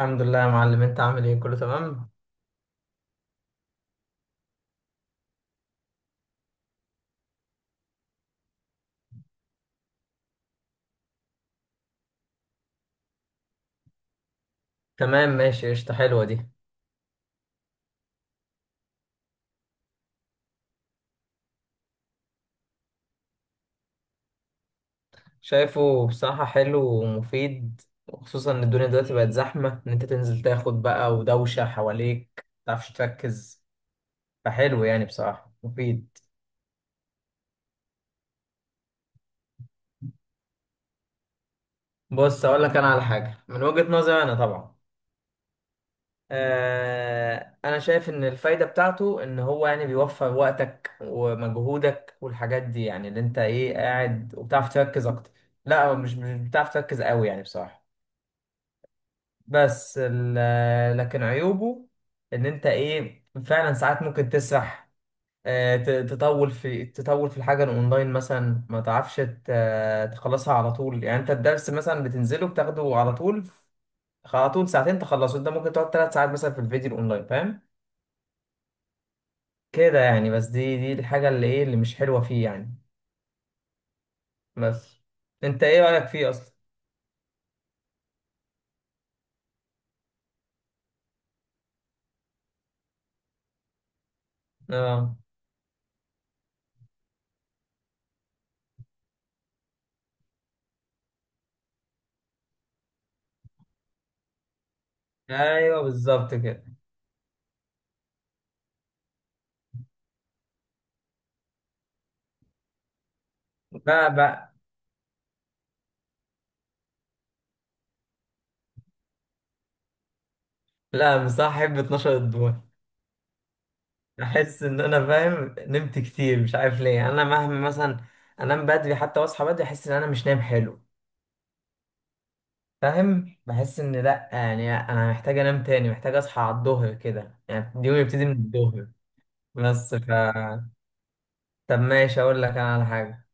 الحمد لله يا معلم، انت عامل ايه؟ كله تمام. تمام ماشي، قشطة، حلوة دي. شايفه بصراحة حلو ومفيد، وخصوصا ان الدنيا دلوقتي بقت زحمة، ان انت تنزل تاخد بقى ودوشة حواليك متعرفش تركز، فحلو يعني بصراحة مفيد. بص اقول لك انا على حاجة من وجهة نظري انا طبعا. انا شايف ان الفايدة بتاعته ان هو يعني بيوفر وقتك ومجهودك والحاجات دي، يعني اللي انت ايه قاعد وبتعرف تركز اكتر. لا مش بتعرف تركز قوي يعني بصراحة. بس لكن عيوبه ان انت ايه فعلا ساعات ممكن تسرح. تطول في الحاجه الاونلاين مثلا، ما تعرفش تخلصها على طول. يعني انت الدرس مثلا بتنزله بتاخده على طول على طول ساعتين تخلصه، انت ممكن تقعد ثلاث ساعات مثلا في الفيديو الاونلاين فاهم، كده يعني. بس دي الحاجه اللي ايه اللي مش حلوه فيه يعني. بس انت ايه رايك فيه اصلا؟ اه. ايوه بالظبط كده. لا بقى، لا مصاحب 12 الدور. احس ان انا فاهم نمت كتير مش عارف ليه، يعني انا مهما مثلا انام بدري حتى واصحى بدري، احس ان انا مش نايم حلو فاهم. بحس ان لا يعني انا محتاج انام تاني، محتاج اصحى على الظهر، كده يعني اليوم يبتدي من الظهر. بس ف طب ماشي اقول لك انا على حاجه.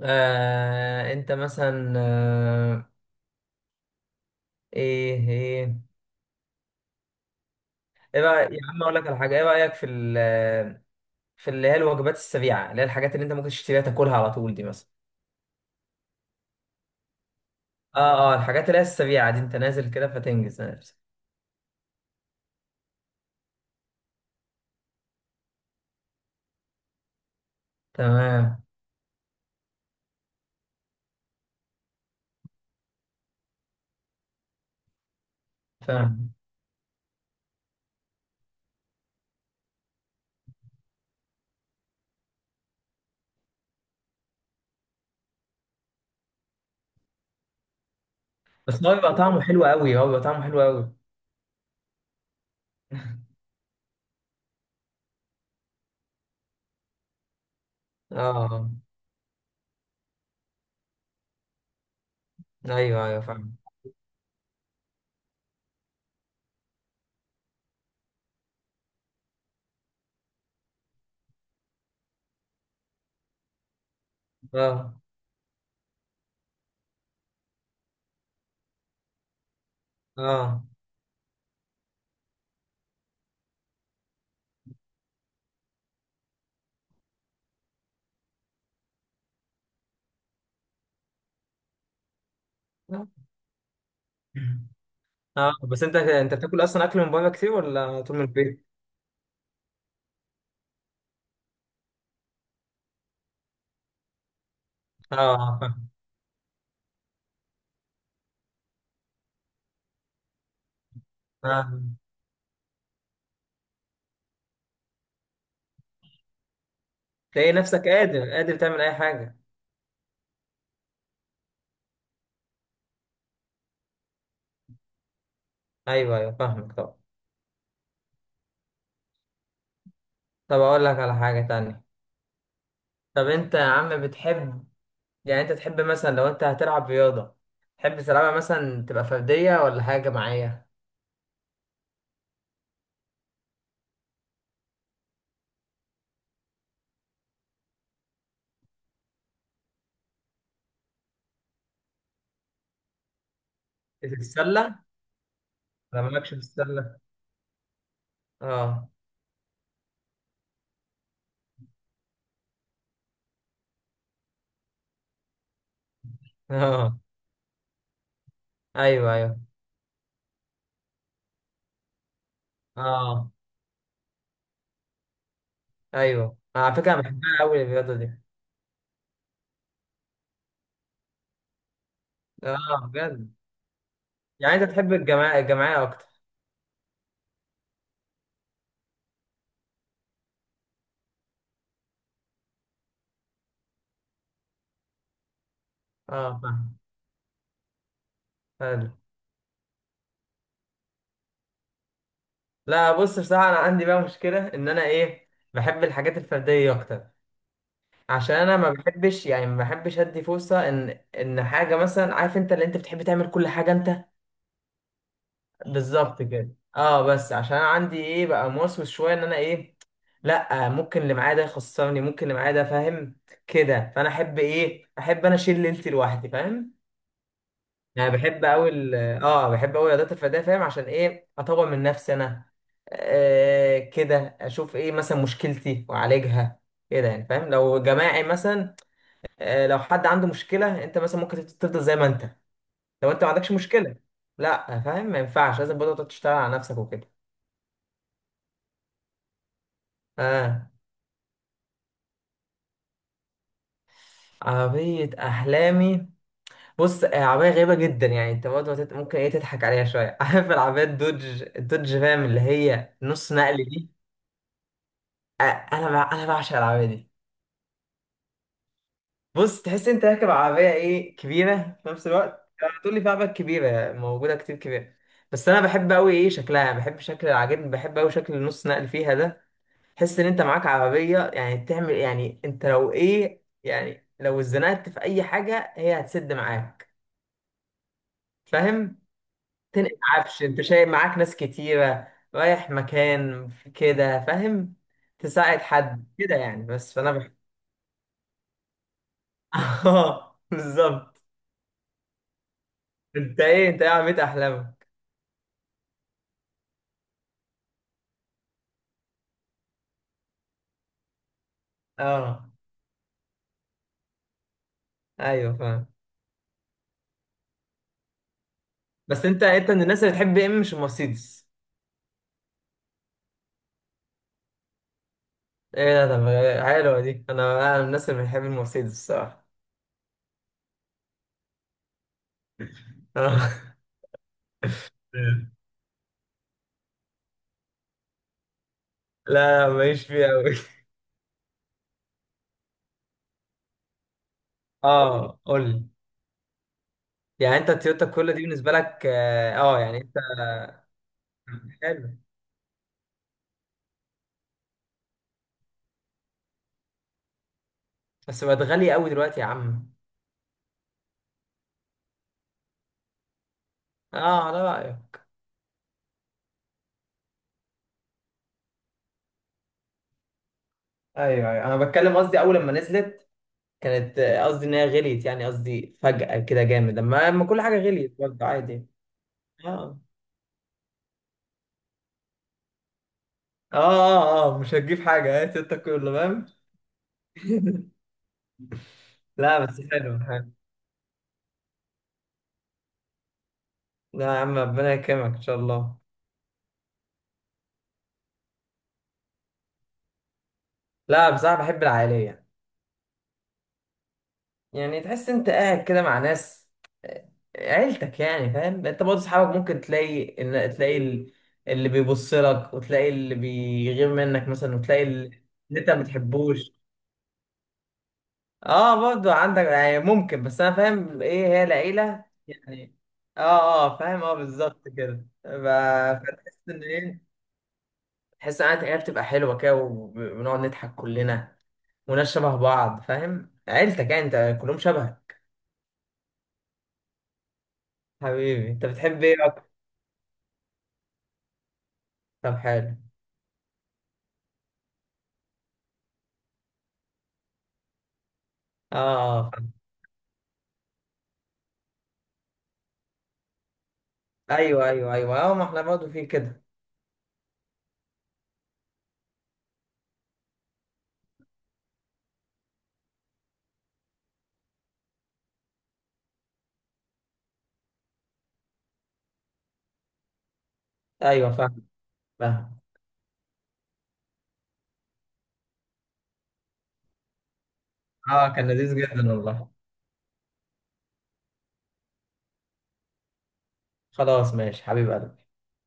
انت مثلا، ايه، ايه رايك يا عم؟ اقول لك على حاجه، ايه رايك في في اللي هي الوجبات السريعه، اللي هي الحاجات اللي انت ممكن تشتريها تاكلها على طول دي مثلا. اه. اه الحاجات اللي هي السريعة دي، انت نازل كده فتنجز نفسك. تمام. فاهم. بس هو بيبقى طعمه حلو قوي، هو بيبقى طعمه حلو قوي. اه ايوه ايوه فاهم. اه اه اه. اه، بس انت بتاكل اصلا اكل من بره كتير، ولا طول من البيت؟ اه فاهم. فاهم، تلاقي نفسك قادر، قادر تعمل اي حاجة. ايوه ايوه فاهمك طبعا. طب اقول لك على حاجة تانية. طب انت يا عم بتحب، يعني انت تحب مثلا لو انت هتلعب رياضة، تحب تلعبها مثلا تبقى فردية ولا حاجة جماعية؟ في السلة، انا مالكش في السلة. اه اه، ايوه ايوه اه. ايوه على فكرة انا بحبها قوي الرياضة دي. اه بجد؟ يعني انت تحب الجماعة، الجماعية اكتر؟ اه فاهم. حلو. لا بص بصراحة انا عندي بقى مشكلة، ان انا ايه، بحب الحاجات الفردية اكتر. عشان انا ما بحبش، يعني ما بحبش ادي فرصة ان حاجة، مثلا عارف انت اللي انت بتحب تعمل كل حاجة انت. بالظبط كده. اه بس عشان انا عندي ايه بقى، موسوس شويه، ان انا ايه، لا ممكن اللي معايا ده يخسرني، ممكن اللي معايا ده فاهم كده. فانا احب ايه، احب انا اشيل ليلتي لوحدي فاهم. يعني بحب قوي اه بحب قوي رياضات الفرديه فاهم، عشان ايه اطور من نفسي انا، كده اشوف ايه مثلا مشكلتي واعالجها، كده يعني فاهم. لو جماعي مثلا، لو حد عنده مشكله، انت مثلا ممكن تفضل زي ما انت، لو انت ما عندكش مشكله. لا فاهم، ما ينفعش، لازم برضه تقعد تشتغل على نفسك وكده. اه. عربية أحلامي؟ بص عربية غريبة جدا، يعني أنت برضه ممكن إيه تضحك عليها شوية عارف العربية الدوج، الدوج رام، اللي هي نص نقل دي. أنا بعشق العربية دي. بص تحس أنت راكب عربية إيه كبيرة، في نفس الوقت تقول لي في عربيات كبيرة موجودة كتير كبيرة، بس أنا بحب أوي إيه شكلها، بحب شكل، عاجبني بحب أوي شكل النص نقل فيها ده. تحس إن أنت معاك عربية يعني تعمل، يعني أنت لو إيه يعني، لو اتزنقت في أي حاجة هي هتسد معاك فاهم. تنقل عفش، انت شايل معاك ناس كتيرة، رايح مكان في كده فاهم، تساعد حد كده يعني. اه بالظبط. انت ايه عربية احلامك؟ اه ايوه فاهم. بس انت من الناس اللي بتحب ايه مش المرسيدس. ايه ده؟ طب حلوة دي، انا من الناس اللي بتحب المرسيدس الصراحة. اه لا لا، ماليش فيه قوي. اه قول لي. يعني انت التويوتا كل دي بالنسبة لك اه يعني انت. حلو. بس بقت غالية قوي دلوقتي يا عم. اه على رأيك. ايوه ايوه، انا بتكلم قصدي اول لما نزلت، كانت قصدي ان هي غليت، يعني قصدي فجأة كده جامد، لما كل حاجة غليت برضه عادي. اه اه اه، مش هتجيب حاجة، هات انت كله فاهم. لا بس حلو حلو. لا يا عم ربنا يكرمك ان شاء الله. لا بصراحة بحب العائلية. يعني تحس انت قاعد كده مع ناس، عيلتك يعني فاهم. انت برضه اصحابك ممكن تلاقي ان تلاقي اللي بيبص لك، وتلاقي اللي بيغير منك مثلا، وتلاقي اللي انت ما بتحبوش. اه برضه عندك يعني ممكن، بس انا فاهم ايه هي العيله يعني. اه اه فاهم، اه بالظبط كده. فتحس ان ايه، تحس ان العيله بتبقى حلوه كده، وبنقعد نضحك كلنا، وناس شبه بعض فاهم، عيلتك يعني انت كلهم شبه. حبيبي انت بتحب ايه؟ طب حلو. اه فاهم. ايوه ايوه ايوه اه، ما احنا برضه في كده. ايوه فاهم. فاهم. اه كان لذيذ جدا والله. خلاص ماشي حبيب قلبي.